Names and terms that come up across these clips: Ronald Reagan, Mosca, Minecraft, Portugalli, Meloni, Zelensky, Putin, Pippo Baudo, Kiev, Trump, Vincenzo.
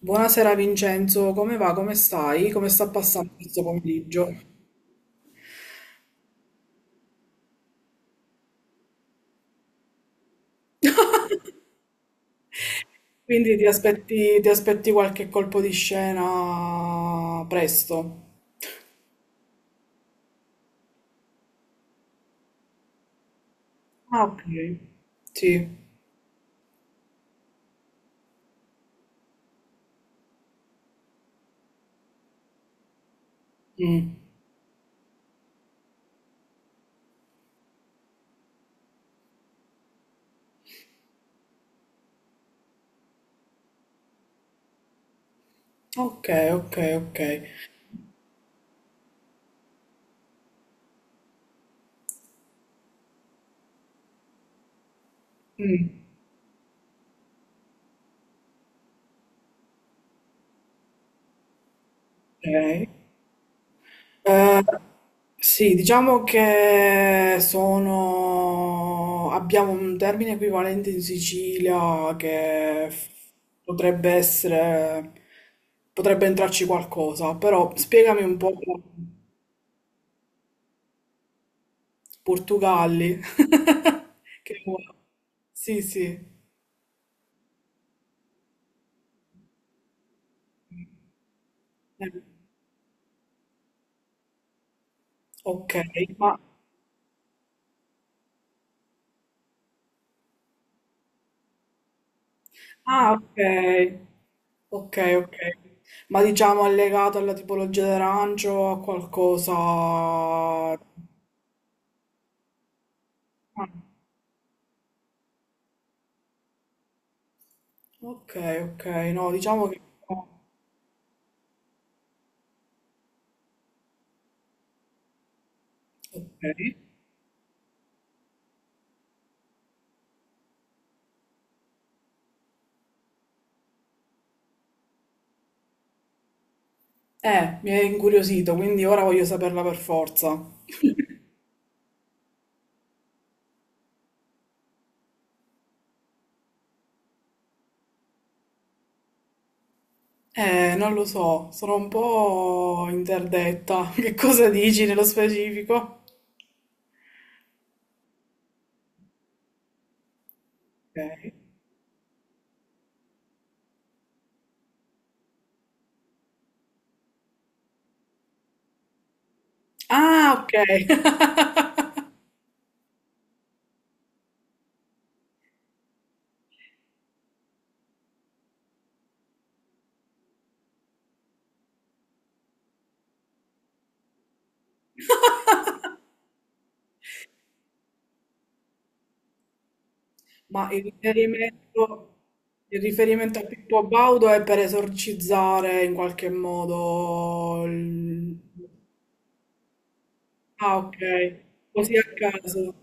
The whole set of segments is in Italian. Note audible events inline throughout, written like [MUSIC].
Buonasera Vincenzo, come va? Come stai? Come sta passando questo pomeriggio? Quindi ti aspetti qualche colpo di scena presto? Ah, ok. Sì. Mm. Ok, ok, ok. Mm, ok. Eh, sì, diciamo che abbiamo un termine equivalente in Sicilia potrebbe essere... potrebbe entrarci qualcosa, però spiegami un po'. Portugalli. [LAUGHS] Che... Sì, sì. Eh, Ok, ma... Ah, ok. Ok, ok. Ma diciamo è legato alla tipologia d'arancio o a qualcosa... Ah, ok, ok, no, diciamo che... Ok. Mi è incuriosito, quindi ora voglio saperla per forza. Non lo so, sono un po' interdetta. [LAUGHS] Che cosa dici nello specifico? Ok. Ah, ok. [LAUGHS] Ma il riferimento a Pippo Baudo è per esorcizzare in qualche modo il... Ah, ok. Così a caso.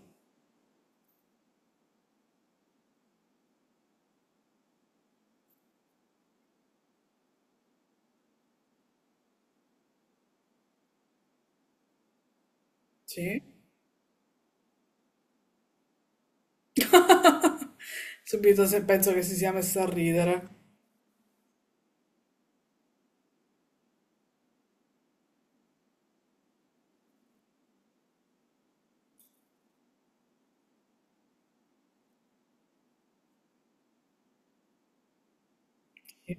Sì. [LAUGHS] Subito se penso che si sia messa a ridere. Sì.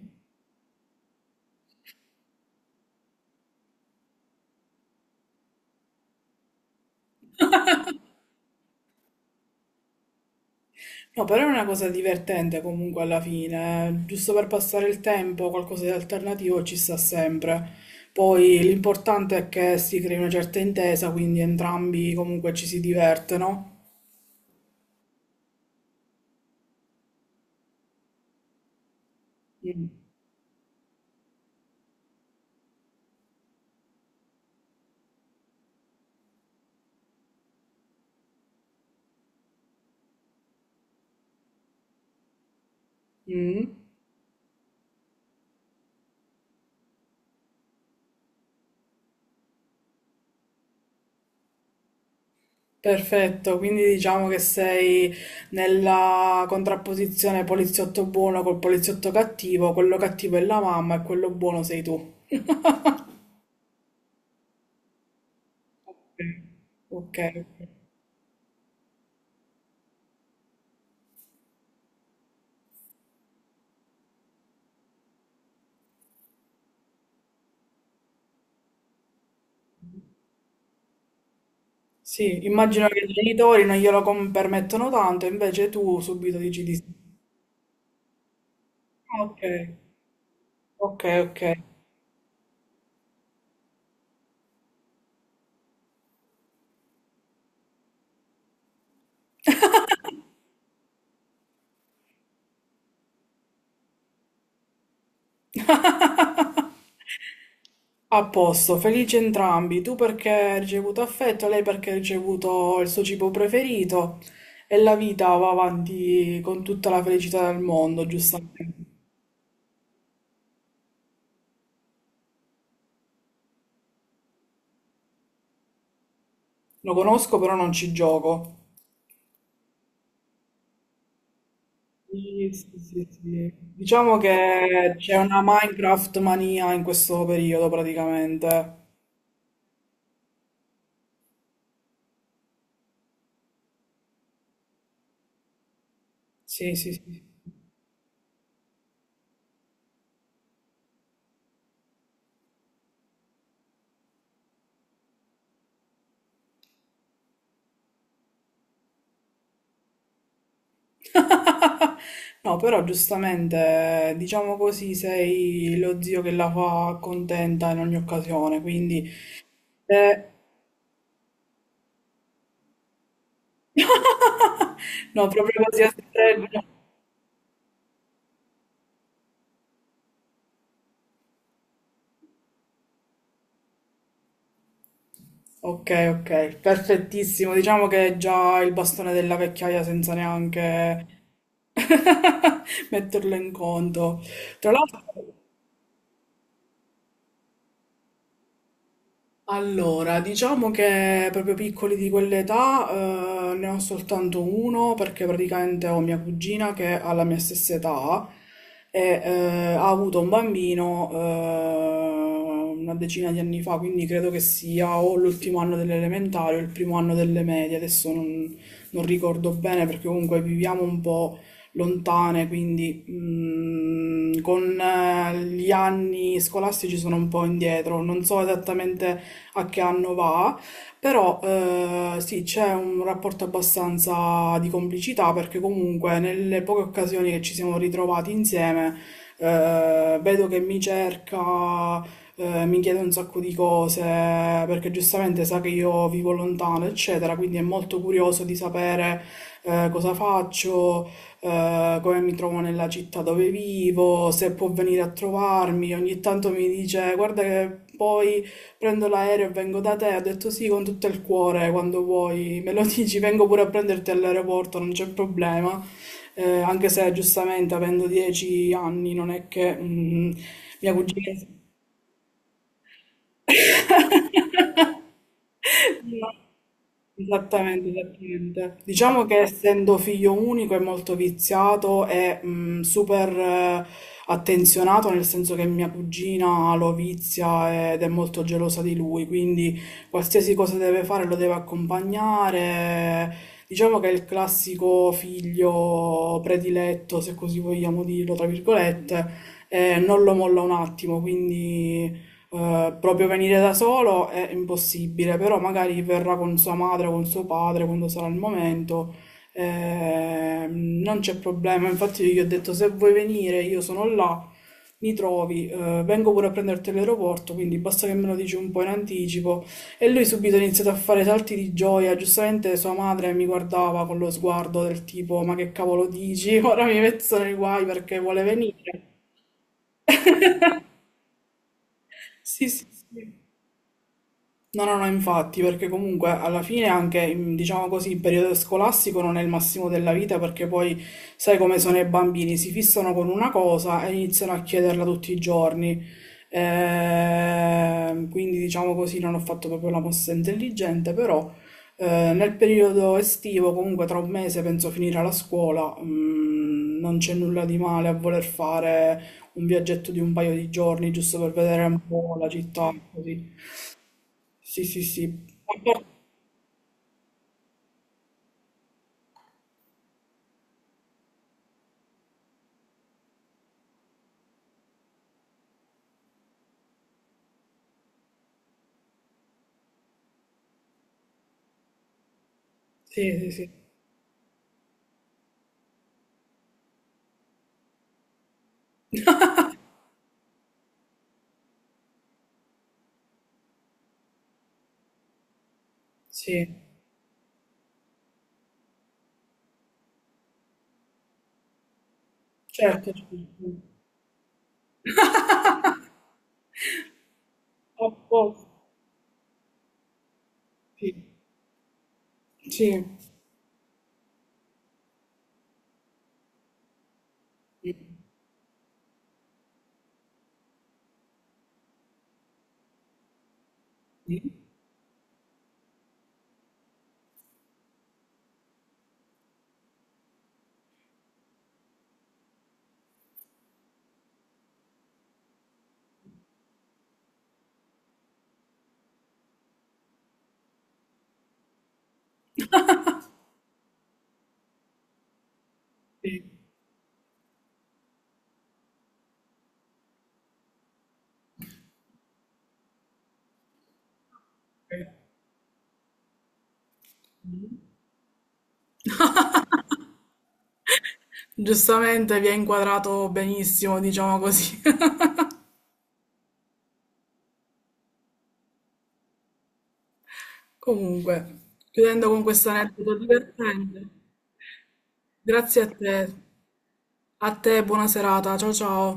No, però è una cosa divertente comunque alla fine, eh. Giusto per passare il tempo, qualcosa di alternativo ci sta sempre. Poi l'importante è che si crei una certa intesa, quindi entrambi comunque ci si diverte, no? Mm. Mm. Perfetto, quindi diciamo che sei nella contrapposizione poliziotto buono col poliziotto cattivo, quello cattivo è la mamma e quello buono sei tu. Ok, ok. Sì, immagino che i genitori non glielo permettono tanto, invece tu subito dici di sì. Ok, ok, ok. A posto, felici entrambi. Tu perché hai ricevuto affetto, lei perché ha ricevuto il suo cibo preferito e la vita va avanti con tutta la felicità del mondo, giustamente. Lo conosco, però non ci gioco. Sì, sì, sì, sì. Diciamo che c'è una Minecraft mania in questo periodo praticamente. Sì, sì, sì. [LAUGHS] No, però giustamente, diciamo così, sei lo zio che la fa contenta in ogni occasione, quindi... eh, [LAUGHS] No, proprio così a stretto. Ok, ok, perfettissimo. Diciamo che è già il bastone della vecchiaia senza neanche [LAUGHS] metterlo in conto. Tra l'altro... Allora, diciamo che proprio piccoli di quell'età ne ho soltanto uno perché praticamente ho mia cugina che ha la mia stessa età e ha avuto un bambino una decina di anni fa, quindi credo che sia o l'ultimo anno delle elementari o il primo anno delle medie, adesso non ricordo bene perché comunque viviamo un po' lontane, quindi con gli anni scolastici sono un po' indietro, non so esattamente a che anno va, però sì, c'è un rapporto abbastanza di complicità perché comunque nelle poche occasioni che ci siamo ritrovati insieme vedo che mi cerca, mi chiede un sacco di cose perché giustamente sa che io vivo lontano, eccetera, quindi è molto curioso di sapere cosa faccio, come mi trovo nella città dove vivo, se può venire a trovarmi. Ogni tanto mi dice: Guarda, che poi prendo l'aereo e vengo da te, ho detto sì con tutto il cuore, quando vuoi me lo [LAUGHS] dici, vengo pure a prenderti all'aeroporto, non c'è problema. Anche se giustamente avendo 10 anni non è che mia cugina... [LAUGHS] No. Esattamente, esattamente. Diciamo che essendo figlio unico è molto viziato e super attenzionato, nel senso che mia cugina lo vizia ed è molto gelosa di lui, quindi qualsiasi cosa deve fare lo deve accompagnare. Diciamo che è il classico figlio prediletto, se così vogliamo dirlo, tra virgolette, e non lo molla un attimo, quindi proprio venire da solo è impossibile, però magari verrà con sua madre o con suo padre quando sarà il momento. Non c'è problema. Infatti, io gli ho detto: se vuoi venire, io sono là, mi trovi, vengo pure a prenderti all'aeroporto. Quindi basta che me lo dici un po' in anticipo. E lui subito ha iniziato a fare salti di gioia. Giustamente sua madre mi guardava con lo sguardo del tipo: Ma che cavolo dici? [LAUGHS] Ora mi metto nei guai perché vuole venire. Sì, sì, sì. No, no, no, infatti, perché comunque alla fine anche, diciamo così, il periodo scolastico non è il massimo della vita perché poi sai come sono i bambini, si fissano con una cosa e iniziano a chiederla tutti i giorni. Quindi diciamo così, non ho fatto proprio la mossa intelligente, però nel periodo estivo, comunque tra un mese penso finire la scuola, non c'è nulla di male a voler fare un viaggetto di un paio di giorni giusto per vedere un po' la città, così. Sì, sì, sì. A par- Sì, sì, sì, sì, certo, certo. A po- sì, sì, sì, sì, sì. Giustamente vi ha inquadrato benissimo, diciamo così. [LAUGHS] Comunque, chiudendo con questo aneddoto divertente, grazie a te. A te, buona serata. Ciao ciao.